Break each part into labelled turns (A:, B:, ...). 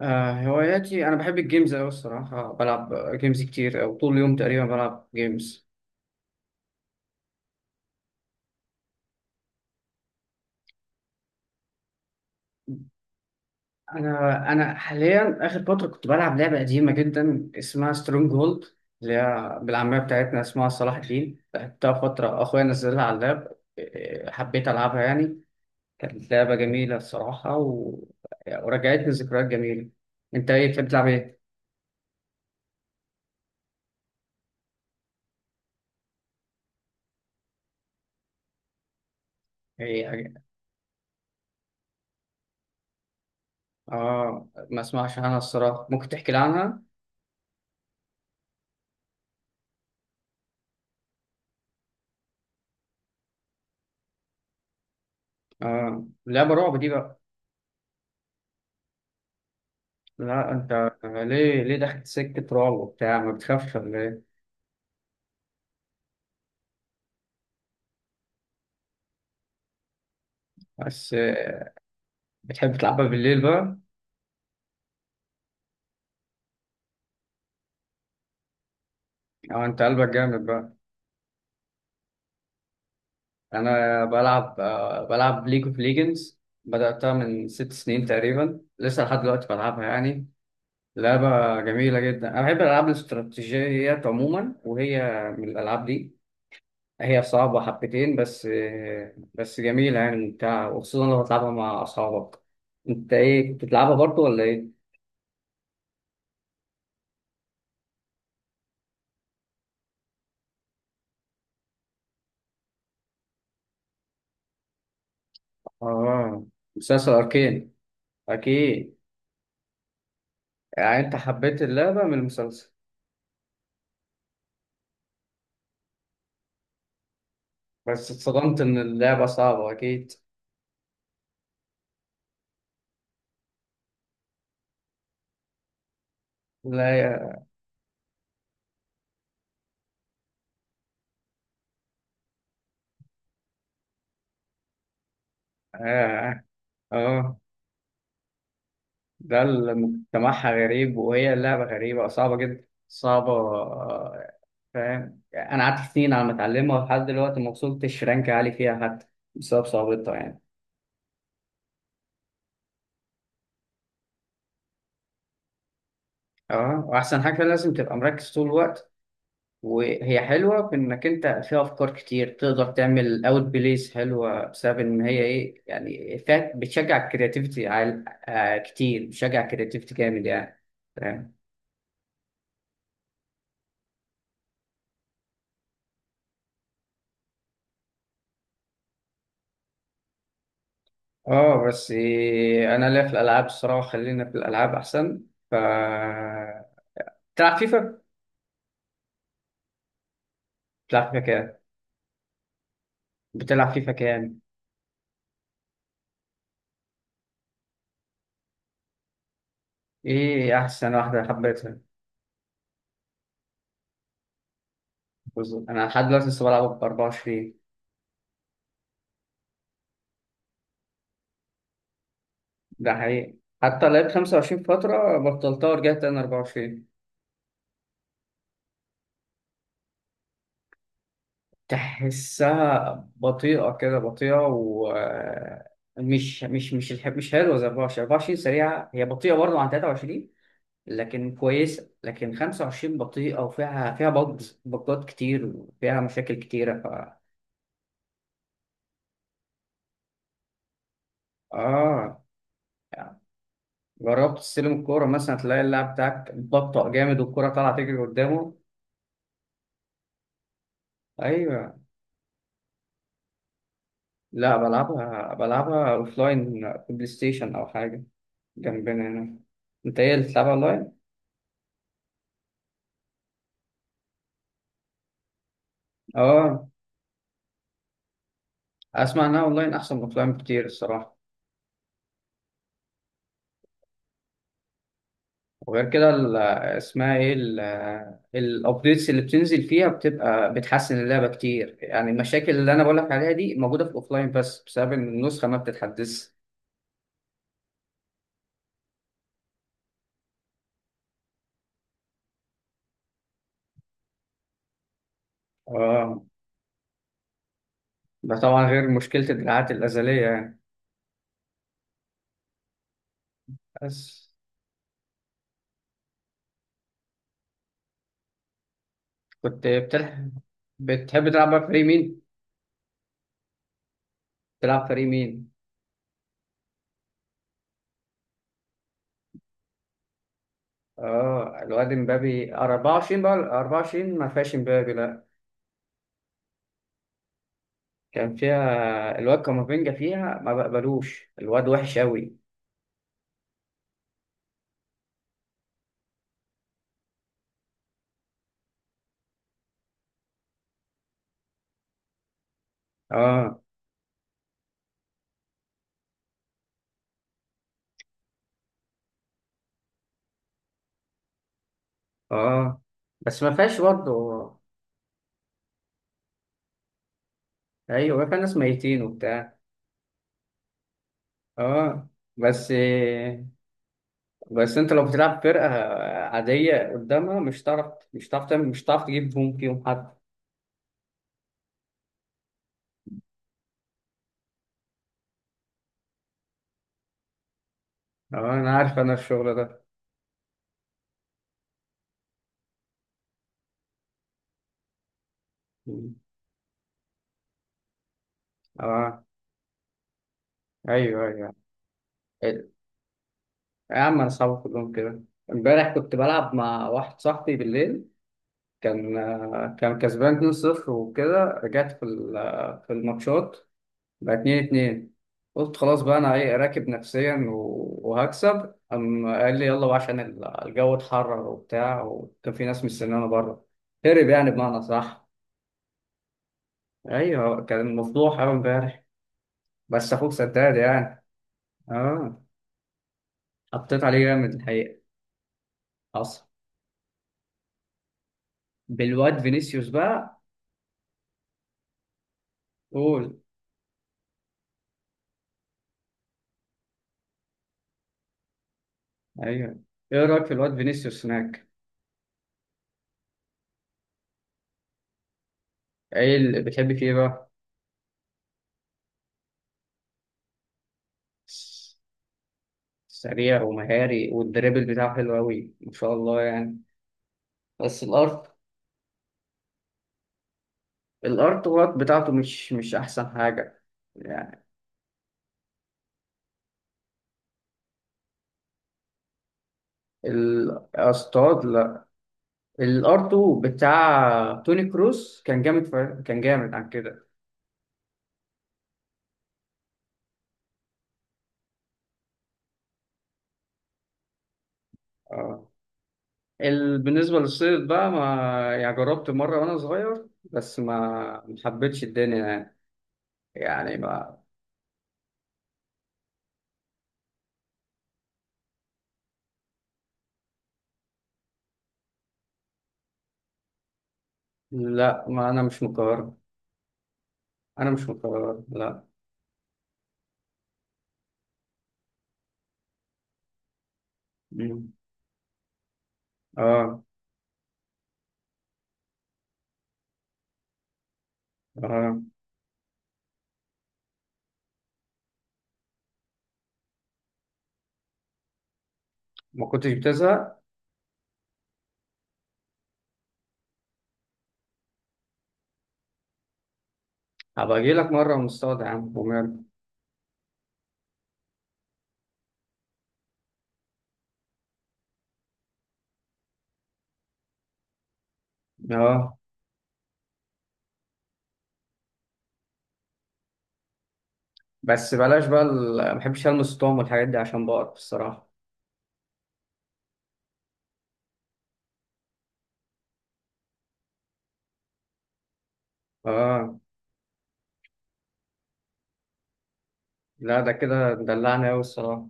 A: آه، هواياتي أنا بحب الجيمز أوي الصراحة، بلعب جيمز كتير أو طول اليوم تقريبا بلعب جيمز. أنا حاليا آخر فترة كنت بلعب لعبة قديمة جدا اسمها سترونج هولد، اللي هي بالعامية بتاعتنا اسمها صلاح الدين، لعبتها فترة أخويا نزلها على اللاب. حبيت ألعبها يعني. كانت لعبة جميلة الصراحة ورجعتني ذكريات جميلة. أنت إيه بتحب تلعب إيه؟ إيه؟ آه، ما أسمعش عنها الصراحة، ممكن تحكي لي عنها؟ آه، لعبة رعب دي بقى. لا، انت ليه دخلت سكة رعب وبتاع، ما بتخافش ولا ايه؟ بس بتحب تلعبها بالليل بقى؟ او انت قلبك جامد بقى. انا بلعب ليج اوف ليجندز، بدأتها من 6 سنين تقريبا لسه لحد دلوقتي بلعبها يعني. لعبة جميلة جدا، انا بحب الالعاب الاستراتيجيات عموما وهي من الالعاب دي. هي صعبة حبتين بس جميلة يعني ممتعة، وخصوصا لو بتلعبها مع اصحابك. انت ايه كنت بتلعبها برضو ولا ايه؟ اه، مسلسل اركين؟ اكيد. يعني انت حبيت اللعبه من المسلسل؟ بس اتصدمت ان اللعبه صعبه اكيد. لا يا. اه. اه. آه. ده اللي مجتمعها غريب، وهي اللعبه غريبه صعبه جدا، صعبه فاهم. يعني انا قعدت سنين على ما اتعلمها ولحد دلوقتي ما وصلتش رانك عالي فيها حتى، بسبب صعوبتها يعني. اه، واحسن حاجه لازم تبقى مركز طول الوقت. وهي حلوة في إنك أنت فيها أفكار كتير تقدر تعمل أوت بليز، حلوة بسبب إن هي إيه يعني، فيها بتشجع الكرياتيفيتي كتير، بتشجع الكرياتيفيتي جامد يعني. فاهم. آه، بس إيه، أنا ليا في الألعاب الصراحة، خلينا في الألعاب أحسن. ف بتلعب فيفا؟ بتلعب فيفا كام؟ بتلعب فيفا كام؟ إيه أحسن واحدة حبيتها؟ بالظبط، أنا لحد دلوقتي لسه بلعب ب 24. ده حقيقي، حتى لعبت 25 فترة بطلتها ورجعت أنا 24. تحسها بطيئة كده بطيئة، ومش مش مش مش الح- مش حلوة زي 24. 24 سريعة، هي بطيئة برضه عن 23 لكن كويسة، لكن 25 بطيئة وفيها بجات كتير وفيها مشاكل كتيرة اه يعني. جربت تستلم الكورة مثلا تلاقي اللاعب بتاعك بطأ جامد والكورة طالعة تجري قدامه. أيوه. لا، بلعبها أوفلاين في بلاي ستيشن أو حاجة جنبنا هنا. أنت إيه اللي بتلعبها أونلاين؟ اه، اسمع، انها اونلاين احسن من اوفلاين بكتير الصراحه. وغير كده اسمها ايه الابديتس اللي بتنزل فيها بتبقى بتحسن اللعبه كتير، يعني المشاكل اللي انا بقولك عليها دي موجوده في الاوفلاين بس بسبب ان النسخه ما بتتحدثش. اه، ده طبعا غير مشكله الدراعات الازليه يعني. بس كنت بتلعب بتحب تلعب بقى فريق مين؟ تلعب فريق مين؟ اه، الواد امبابي 24 بقى. 24 ما فيهاش امبابي، لا. كان فيها الواد كامافينجا، فيها ما بقبلوش الواد وحش أوي. اه. اه. بس ما فيهاش برضه. ايوه، فيها ناس ميتين وبتاع. اه. بس، بس انت لو بتلعب فرقة عادية قدامها مش هتعرف، مش هتعرف تعمل، مش هتعرف تجيب جون فيهم حد. اه، انا عارف انا الشغل ده. اه، ايوه، ايوه. يا عم انا صعب كلهم كده. امبارح كنت بلعب مع واحد صاحبي بالليل، كان كان كسبان 2-0، وكده رجعت في الماتشات، بقى 2-2. قلت خلاص بقى انا ايه، راكب نفسيا و- وهكسب، قام قال لي يلا بقى عشان الجو اتحرر وبتاع، وكان في ناس مستنيانا بره. هرب يعني بمعنى صح. ايوه، كان مفضوح قوي امبارح. بس اخوك سداد يعني. اه، حطيت عليه جامد الحقيقه. حصل. بالواد فينيسيوس بقى. قول. ايوه. ايه رايك في الواد فينيسيوس هناك؟ ايه اللي بتحب فيه بقى؟ سريع ومهاري، والدريبل بتاعه حلو أوي ما شاء الله يعني. بس الأرض وات بتاعته مش أحسن حاجة يعني. الأصطاد لا. الأرض بتاع توني كروس كان جامد كان جامد عن كده. اه، ال... بالنسبة للصيد بقى، ما يعني جربت مرة وأنا صغير بس ما حبيتش الدنيا يعني ما. لا، ما أنا مش من القاهرة. أنا مش من القاهرة، لا. مم. اه. اه، ما كنتش بتزهق؟ هبقى اجي لك مره ونصطاد يا عم ومال. اه، بس بلاش بقى ما بحبش المس الطعم والحاجات دي عشان بقرف الصراحه. اه. لا، ده كده دلعني قوي الصراحه.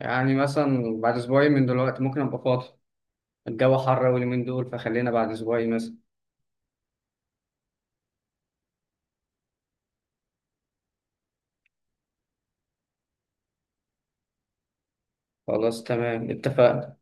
A: يعني مثلا بعد اسبوعين من دلوقتي ممكن ابقى فاضي. الجو حر أوي اليومين دول فخلينا بعد اسبوعين مثلا. خلاص تمام، اتفقنا.